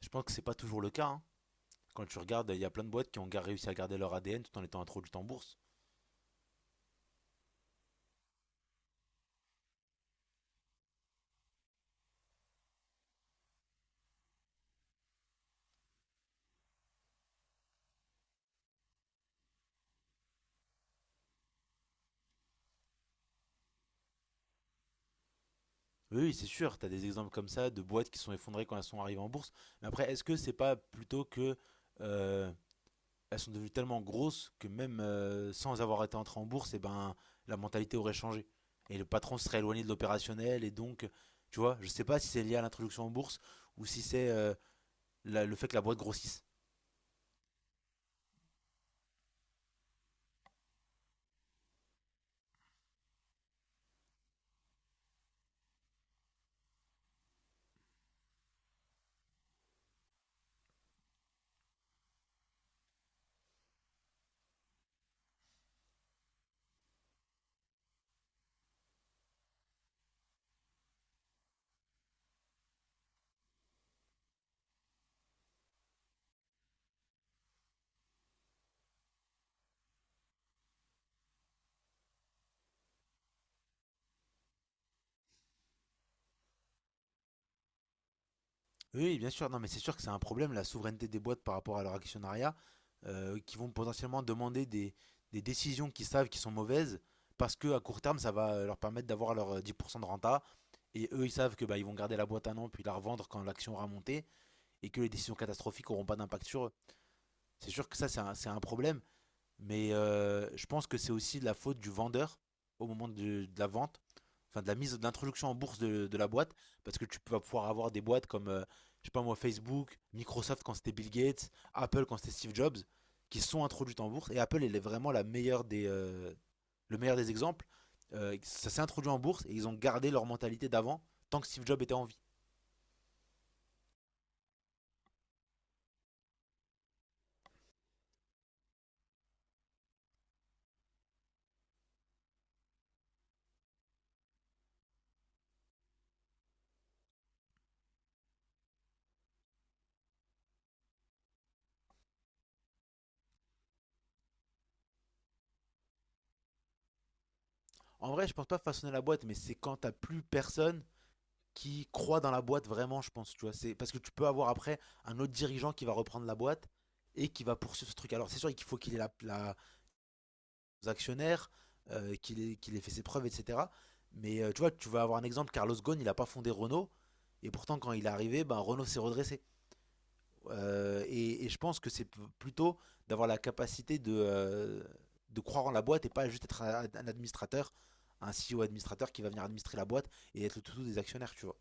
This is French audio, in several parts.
Je pense que c'est pas toujours le cas, hein. Quand tu regardes, il y a plein de boîtes qui ont réussi à garder leur ADN tout en étant introduites en bourse. Oui, oui, c'est sûr, tu as des exemples comme ça de boîtes qui sont effondrées quand elles sont arrivées en bourse. Mais après, est-ce que c'est pas plutôt que euh, elles sont devenues tellement grosses que même sans avoir été entrées en bourse, et ben, la mentalité aurait changé et le patron se serait éloigné de l'opérationnel, et donc, tu vois, je sais pas si c'est lié à l'introduction en bourse ou si c'est le fait que la boîte grossisse. Oui, bien sûr. Non, mais c'est sûr que c'est un problème, la souveraineté des boîtes par rapport à leur actionnariat, qui vont potentiellement demander des décisions qu'ils savent qui sont mauvaises, parce que à court terme, ça va leur permettre d'avoir leur 10% de renta. Et eux, ils savent que bah, ils vont garder la boîte un an, puis la revendre quand l'action aura monté, et que les décisions catastrophiques n'auront pas d'impact sur eux. C'est sûr que ça, c'est un problème. Mais je pense que c'est aussi la faute du vendeur au moment de la vente, enfin de la mise, de l'introduction en bourse de la boîte, parce que tu vas pouvoir avoir des boîtes comme, je sais pas moi, Facebook, Microsoft quand c'était Bill Gates, Apple quand c'était Steve Jobs, qui sont introduites en bourse. Et Apple, elle est vraiment la meilleure le meilleur des exemples. Ça s'est introduit en bourse et ils ont gardé leur mentalité d'avant tant que Steve Jobs était en vie. En vrai, je pense pas façonner la boîte, mais c'est quand t'as plus personne qui croit dans la boîte vraiment, je pense, tu vois. C'est parce que tu peux avoir après un autre dirigeant qui va reprendre la boîte et qui va poursuivre ce truc. Alors c'est sûr qu'il faut qu'il ait aux actionnaires, qu'il ait fait ses preuves, etc. Mais tu vois, tu vas avoir un exemple, Carlos Ghosn, il n'a pas fondé Renault, et pourtant quand il est arrivé, ben, Renault s'est redressé. Et je pense que c'est plutôt d'avoir la capacité de croire en la boîte, et pas juste être un administrateur, un CEO administrateur qui va venir administrer la boîte et être le toutou des actionnaires, tu vois.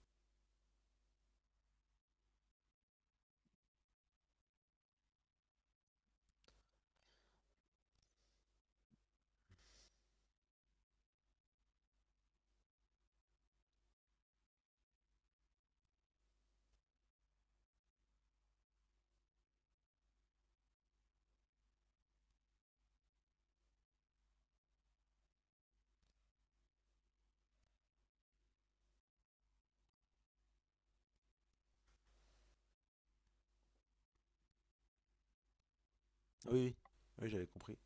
Oui, oui, oui, j'avais compris.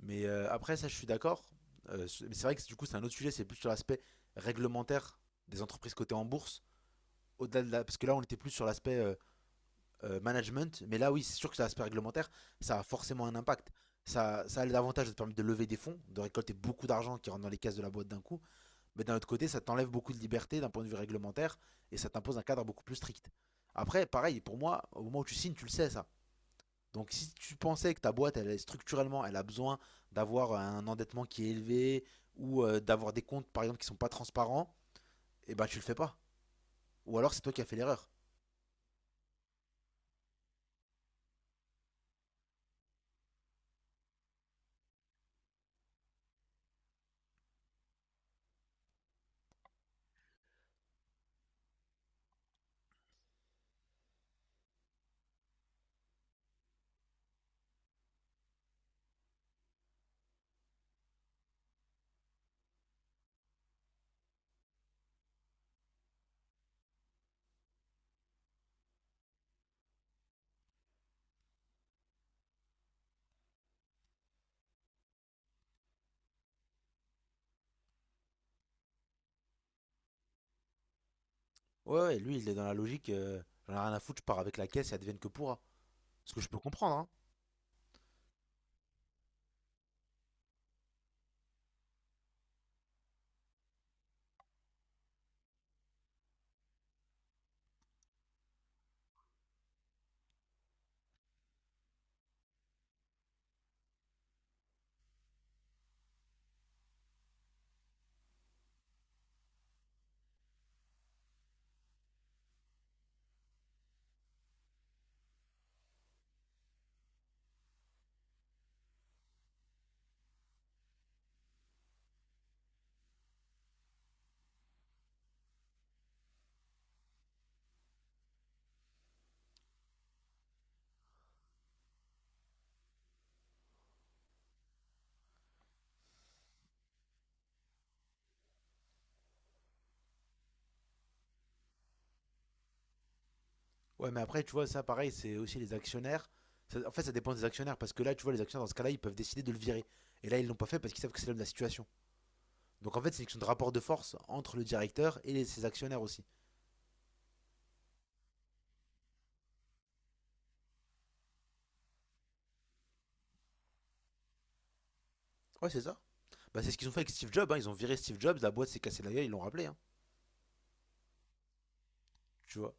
Mais après, ça, je suis d'accord. C'est mais c'est vrai que du coup, c'est un autre sujet, c'est plus sur l'aspect réglementaire des entreprises cotées en bourse. Au-delà de parce que là, on était plus sur l'aspect management. Mais là, oui, c'est sûr que c'est l'aspect réglementaire, ça a forcément un impact. Ça a l'avantage de te permettre de lever des fonds, de récolter beaucoup d'argent qui rentre dans les caisses de la boîte d'un coup. Mais d'un autre côté, ça t'enlève beaucoup de liberté d'un point de vue réglementaire, et ça t'impose un cadre beaucoup plus strict. Après, pareil, pour moi, au moment où tu signes, tu le sais, ça. Donc si tu pensais que ta boîte, elle, structurellement, elle a besoin d'avoir un endettement qui est élevé ou d'avoir des comptes, par exemple, qui sont pas transparents, eh ben tu le fais pas. Ou alors c'est toi qui as fait l'erreur. Ouais, ouais, lui, il est dans la logique, j'en ai rien à foutre, je pars avec la caisse et advienne que pourra. Ce que je peux comprendre, hein. Ouais, mais après, tu vois, ça, pareil, c'est aussi les actionnaires. En fait, ça dépend des actionnaires, parce que là, tu vois, les actionnaires, dans ce cas-là, ils peuvent décider de le virer. Et là, ils l'ont pas fait parce qu'ils savent que c'est l'homme de la situation. Donc en fait, c'est une question de rapport de force entre le directeur et ses actionnaires aussi. Ouais, c'est ça. Bah, c'est ce qu'ils ont fait avec Steve Jobs, hein. Ils ont viré Steve Jobs, la boîte s'est cassée la gueule, ils l'ont rappelé, hein. Tu vois.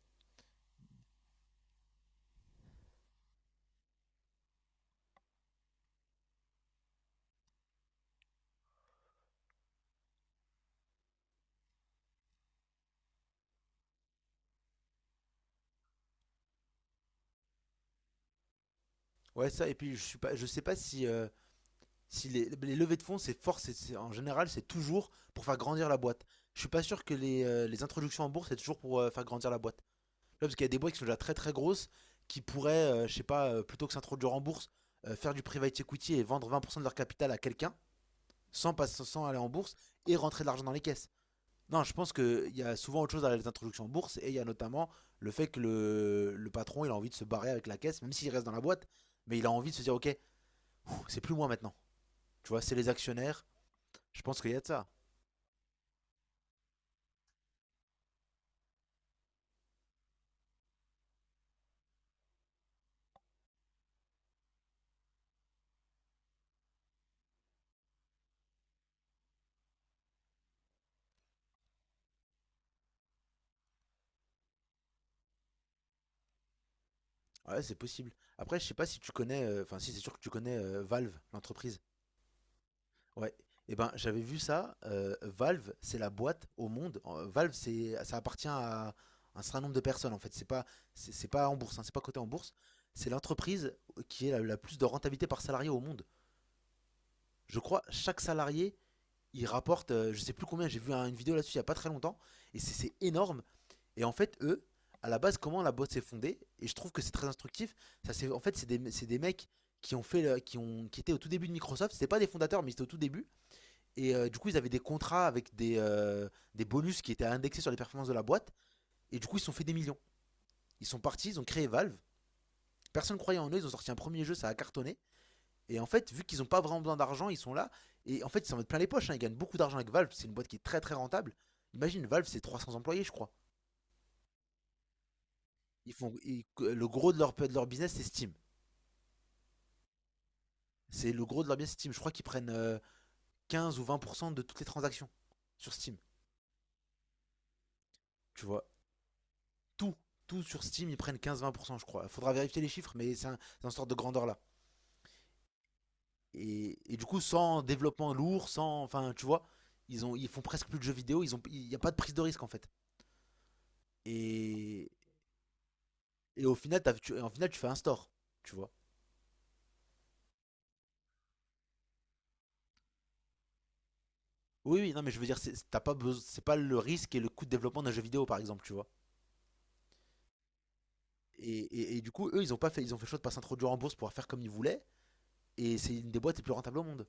Ouais, ça. Et puis, je suis pas, je sais pas si les levées de fonds, c'est fort. En général, c'est toujours pour faire grandir la boîte. Je suis pas sûr que les introductions en bourse, c'est toujours pour faire grandir la boîte. Tu vois, parce qu'il y a des boîtes qui sont déjà très très grosses qui pourraient, je sais pas, plutôt que s'introduire en bourse, faire du private equity et vendre 20% de leur capital à quelqu'un sans aller en bourse et rentrer de l'argent dans les caisses. Non, je pense qu'il y a souvent autre chose derrière les introductions en bourse, et il y a notamment le fait que le patron il a envie de se barrer avec la caisse, même s'il reste dans la boîte, mais il a envie de se dire ok, pff, c'est plus moi maintenant. Tu vois, c'est les actionnaires. Je pense qu'il y a de ça. Ouais, c'est possible. Après, je sais pas si tu connais, enfin si c'est sûr que tu connais Valve, l'entreprise. Ouais. Eh ben, j'avais vu ça. Valve, c'est la boîte au monde. Valve, ça appartient à un certain nombre de personnes, en fait. C'est pas en bourse, hein, c'est pas coté en bourse. C'est l'entreprise qui est la plus de rentabilité par salarié au monde. Je crois, chaque salarié, il rapporte, je sais plus combien, j'ai vu une vidéo là-dessus il n'y a pas très longtemps, et c'est énorme. Et en fait, eux, à la base, comment la boîte s'est fondée, et je trouve que c'est très instructif, en fait, c'est des mecs qui ont fait, le- qui ont, qui étaient au tout début de Microsoft, c'était pas des fondateurs, mais c'était au tout début, et du coup, ils avaient des contrats avec des bonus qui étaient indexés sur les performances de la boîte, et du coup, ils se sont fait des millions. Ils sont partis, ils ont créé Valve, personne ne croyait en eux, ils ont sorti un premier jeu, ça a cartonné. Et en fait, vu qu'ils n'ont pas vraiment besoin d'argent, ils sont là. Et en fait, ils s'en mettent plein les poches, hein. Ils gagnent beaucoup d'argent avec Valve. C'est une boîte qui est très très rentable. Imagine, Valve, c'est 300 employés, je crois. Ils font, le gros de leur business, c'est Steam. C'est le gros de leur business, Steam. Je crois qu'ils prennent 15 ou 20% de toutes les transactions sur Steam. Tu vois, tout, tout sur Steam, ils prennent 15-20%, je crois. Il faudra vérifier les chiffres, mais c'est un, c'est sorte de grandeur là. Et du coup, sans développement lourd, sans. Enfin, tu vois, ils font presque plus de jeux vidéo. Il n'y a pas de prise de risque en fait. Et, Et au final, en final, tu fais un store, tu vois. Oui, oui, non, mais je veux dire, c'est t'as pas besoin, c'est pas le risque et le coût de développement d'un jeu vidéo, par exemple, tu vois. Et du coup, eux, ils ont pas fait, ils ont fait le choix de pas s'introduire en bourse pour faire comme ils voulaient. Et c'est une des boîtes les plus rentables au monde.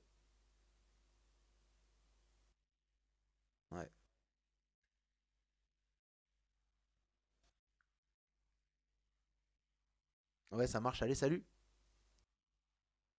Ouais, ouais, ça marche. Allez, salut.